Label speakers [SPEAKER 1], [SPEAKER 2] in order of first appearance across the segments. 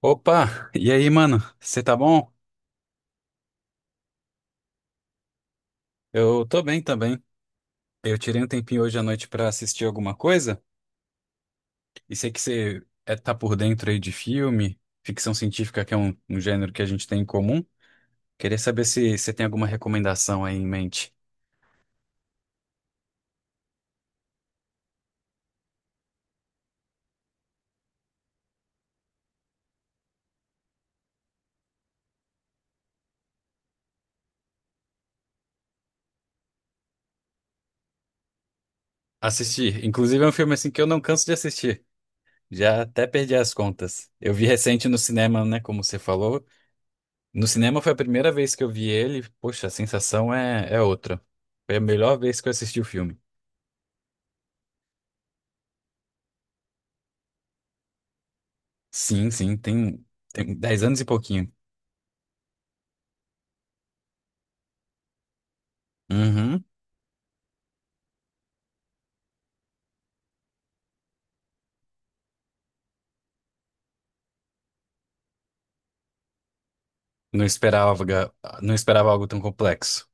[SPEAKER 1] Opa, e aí, mano? Você tá bom? Eu tô bem também. Eu tirei um tempinho hoje à noite pra assistir alguma coisa e sei que você tá por dentro aí de filme, ficção científica, que é um gênero que a gente tem em comum. Queria saber se você tem alguma recomendação aí em mente. Assistir, inclusive é um filme assim que eu não canso de assistir. Já até perdi as contas. Eu vi recente no cinema, né? Como você falou. No cinema foi a primeira vez que eu vi ele. Poxa, a sensação é outra. Foi a melhor vez que eu assisti o filme. Sim, sim, tem 10 anos e pouquinho. Uhum. Não esperava, não esperava algo tão complexo.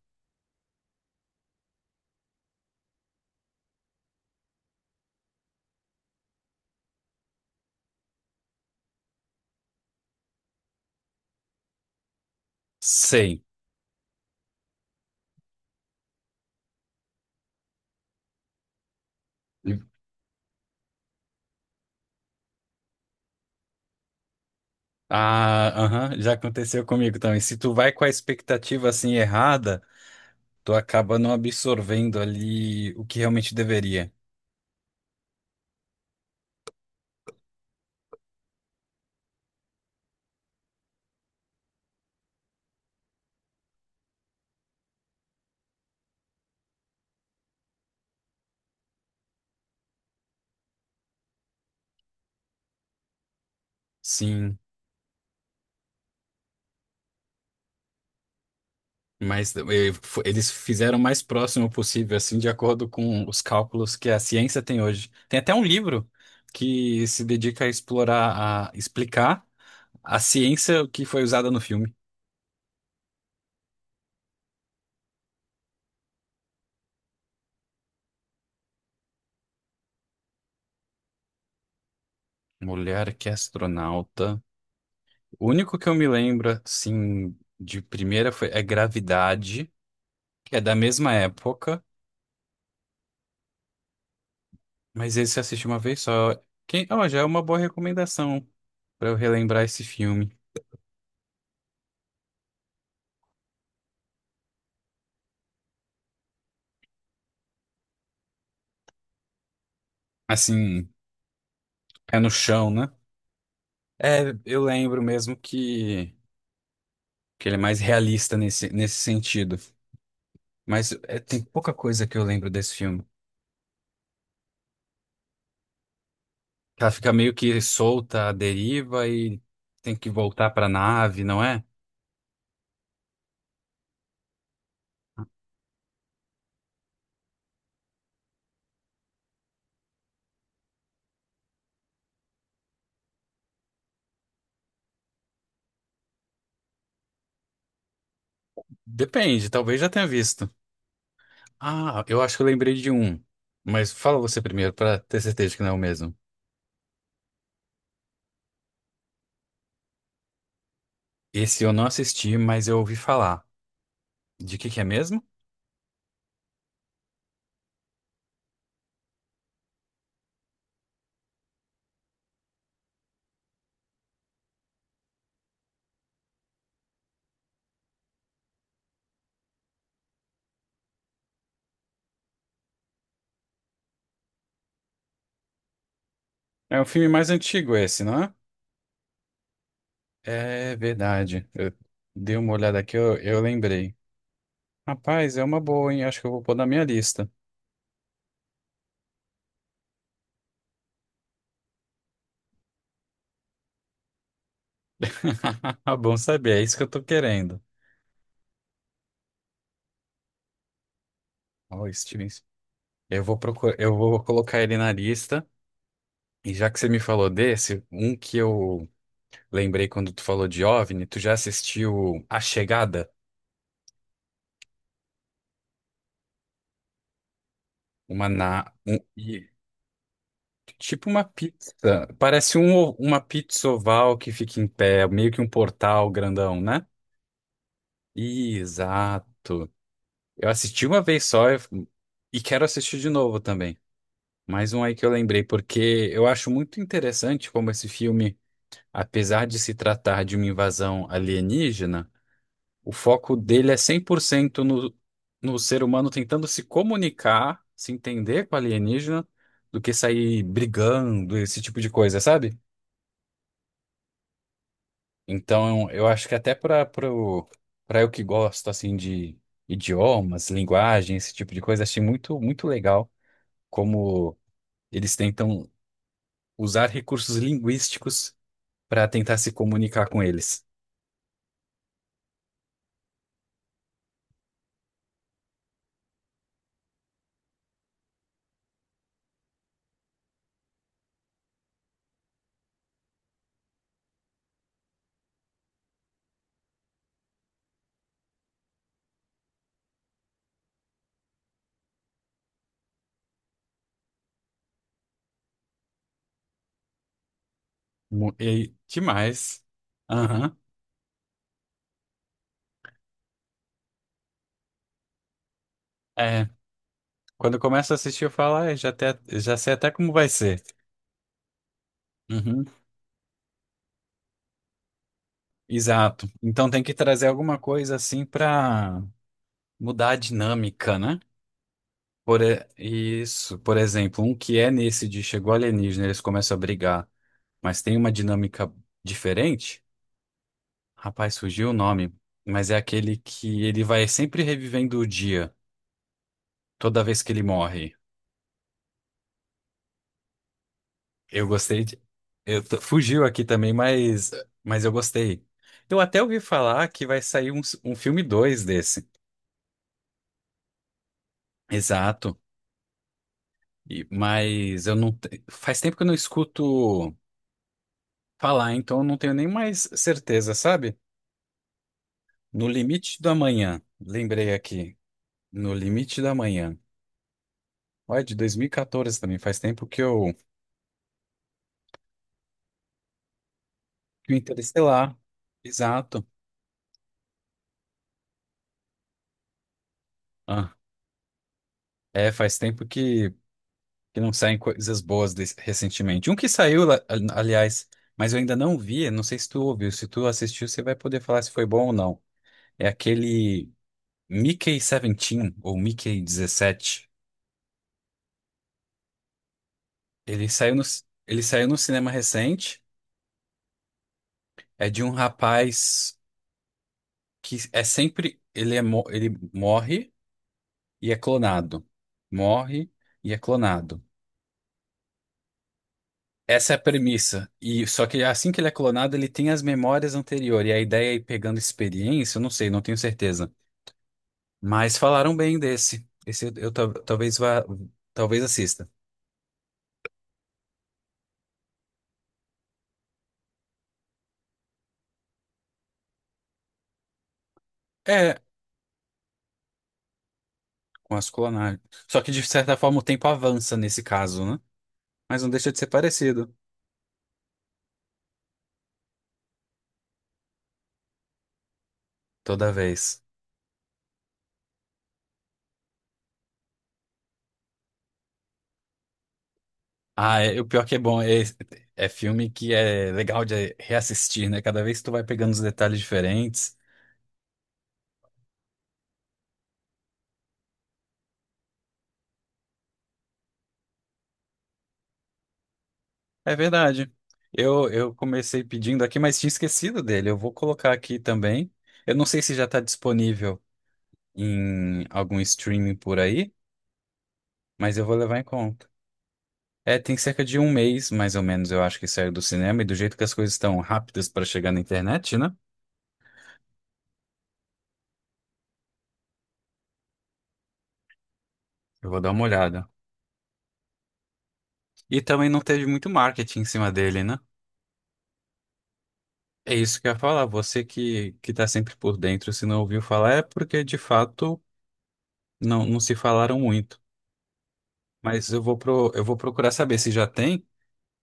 [SPEAKER 1] Sei. Ah, aham, já aconteceu comigo também. Se tu vai com a expectativa assim errada, tu acaba não absorvendo ali o que realmente deveria. Sim, mas eles fizeram o mais próximo possível, assim, de acordo com os cálculos que a ciência tem hoje. Tem até um livro que se dedica a explorar, a explicar a ciência que foi usada no filme. Mulher que é astronauta. O único que eu me lembro, assim, de primeira foi é Gravidade, que é da mesma época, mas esse eu assisti uma vez só. Quem, ó, já é uma boa recomendação pra eu relembrar esse filme. Assim, é no chão, né? É, eu lembro mesmo que ele é mais realista nesse sentido. Mas é, tem pouca coisa que eu lembro desse filme. Ela fica meio que solta à deriva e tem que voltar pra nave, não é? Depende, talvez já tenha visto. Ah, eu acho que eu lembrei de um. Mas fala você primeiro, pra ter certeza que não é o mesmo. Esse eu não assisti, mas eu ouvi falar. De que é mesmo? É o filme mais antigo esse, não é? É verdade. Eu dei uma olhada aqui, eu lembrei. Rapaz, é uma boa, hein? Acho que eu vou pôr na minha lista. Bom saber, é isso que eu tô querendo. Ó, Steven. Eu vou procurar, eu vou colocar ele na lista. E já que você me falou desse, um que eu lembrei quando tu falou de OVNI, tu já assistiu A Chegada? Uma na... um- e- Tipo uma pizza. Parece uma pizza oval que fica em pé, meio que um portal grandão, né? Exato. Eu assisti uma vez só e quero assistir de novo também. Mais um aí que eu lembrei, porque eu acho muito interessante como esse filme, apesar de se tratar de uma invasão alienígena, o foco dele é 100% no ser humano tentando se comunicar, se entender com o alienígena, do que sair brigando, esse tipo de coisa, sabe? Então, eu acho que até para eu que gosto assim de idiomas, linguagem, esse tipo de coisa, achei muito legal como eles tentam usar recursos linguísticos para tentar se comunicar com eles. E que mais? Aham. É, quando eu começo a assistir, eu falo, ah, já, até, já sei até como vai ser. Uhum, exato. Então tem que trazer alguma coisa assim pra mudar a dinâmica, né? Isso, por exemplo, um que é nesse de chegou alienígena, eles começam a brigar, mas tem uma dinâmica diferente. Rapaz, surgiu o nome, mas é aquele que ele vai sempre revivendo o dia, toda vez que ele morre. Eu gostei de... fugiu aqui também, mas eu gostei. Eu até ouvi falar que vai sair um filme 2 desse. Exato. Mas eu não. te- faz tempo que eu não escuto falar, então eu não tenho nem mais certeza, sabe? No Limite do Amanhã. Lembrei aqui. No Limite do Amanhã. Olha, de 2014 também. Faz tempo que eu. Que o Interestelar. Exato. Ah, é, faz tempo que. Que não saem coisas boas recentemente. Um que saiu, aliás, mas eu ainda não vi, não sei se tu ouviu, se tu assistiu, você vai poder falar se foi bom ou não. É aquele Mickey 17 ou Mickey Dezessete. Ele saiu ele saiu no cinema recente, é de um rapaz que é sempre, ele morre e é clonado. Morre e é clonado. Essa é a premissa. E só que assim que ele é clonado, ele tem as memórias anteriores. E a ideia é ir pegando experiência, eu não sei, não tenho certeza. Mas falaram bem desse. Esse talvez vá, talvez assista. É, com as clonagens. Só que de certa forma o tempo avança nesse caso, né? Mas não deixa de ser parecido toda vez. Ah, é, o pior que é bom é filme que é legal de reassistir, né? Cada vez tu vai pegando os detalhes diferentes. É verdade. Eu comecei pedindo aqui, mas tinha esquecido dele. Eu vou colocar aqui também. Eu não sei se já está disponível em algum streaming por aí, mas eu vou levar em conta. É, tem cerca de um mês, mais ou menos, eu acho que saiu do cinema, e do jeito que as coisas estão rápidas para chegar na internet, né? Eu vou dar uma olhada. E também não teve muito marketing em cima dele, né? É isso que eu ia falar. Você que tá sempre por dentro, se não ouviu falar, é porque de fato não se falaram muito. Mas eu vou eu vou procurar saber se já tem.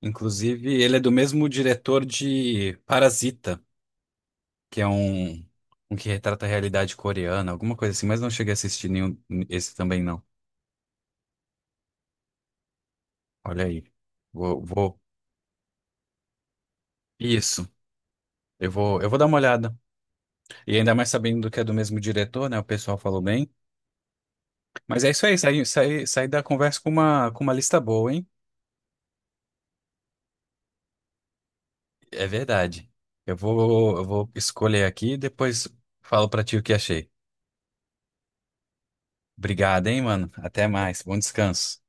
[SPEAKER 1] Inclusive, ele é do mesmo diretor de Parasita, que é um que retrata a realidade coreana, alguma coisa assim, mas não cheguei a assistir nenhum esse também, não. Olha aí. Vou, vou. Isso. Eu vou dar uma olhada. E ainda mais sabendo que é do mesmo diretor, né? O pessoal falou bem. Mas é isso aí, saí da conversa com uma lista boa, hein? É verdade. Eu vou escolher aqui e depois falo pra ti o que achei. Obrigado, hein, mano. Até mais. Bom descanso.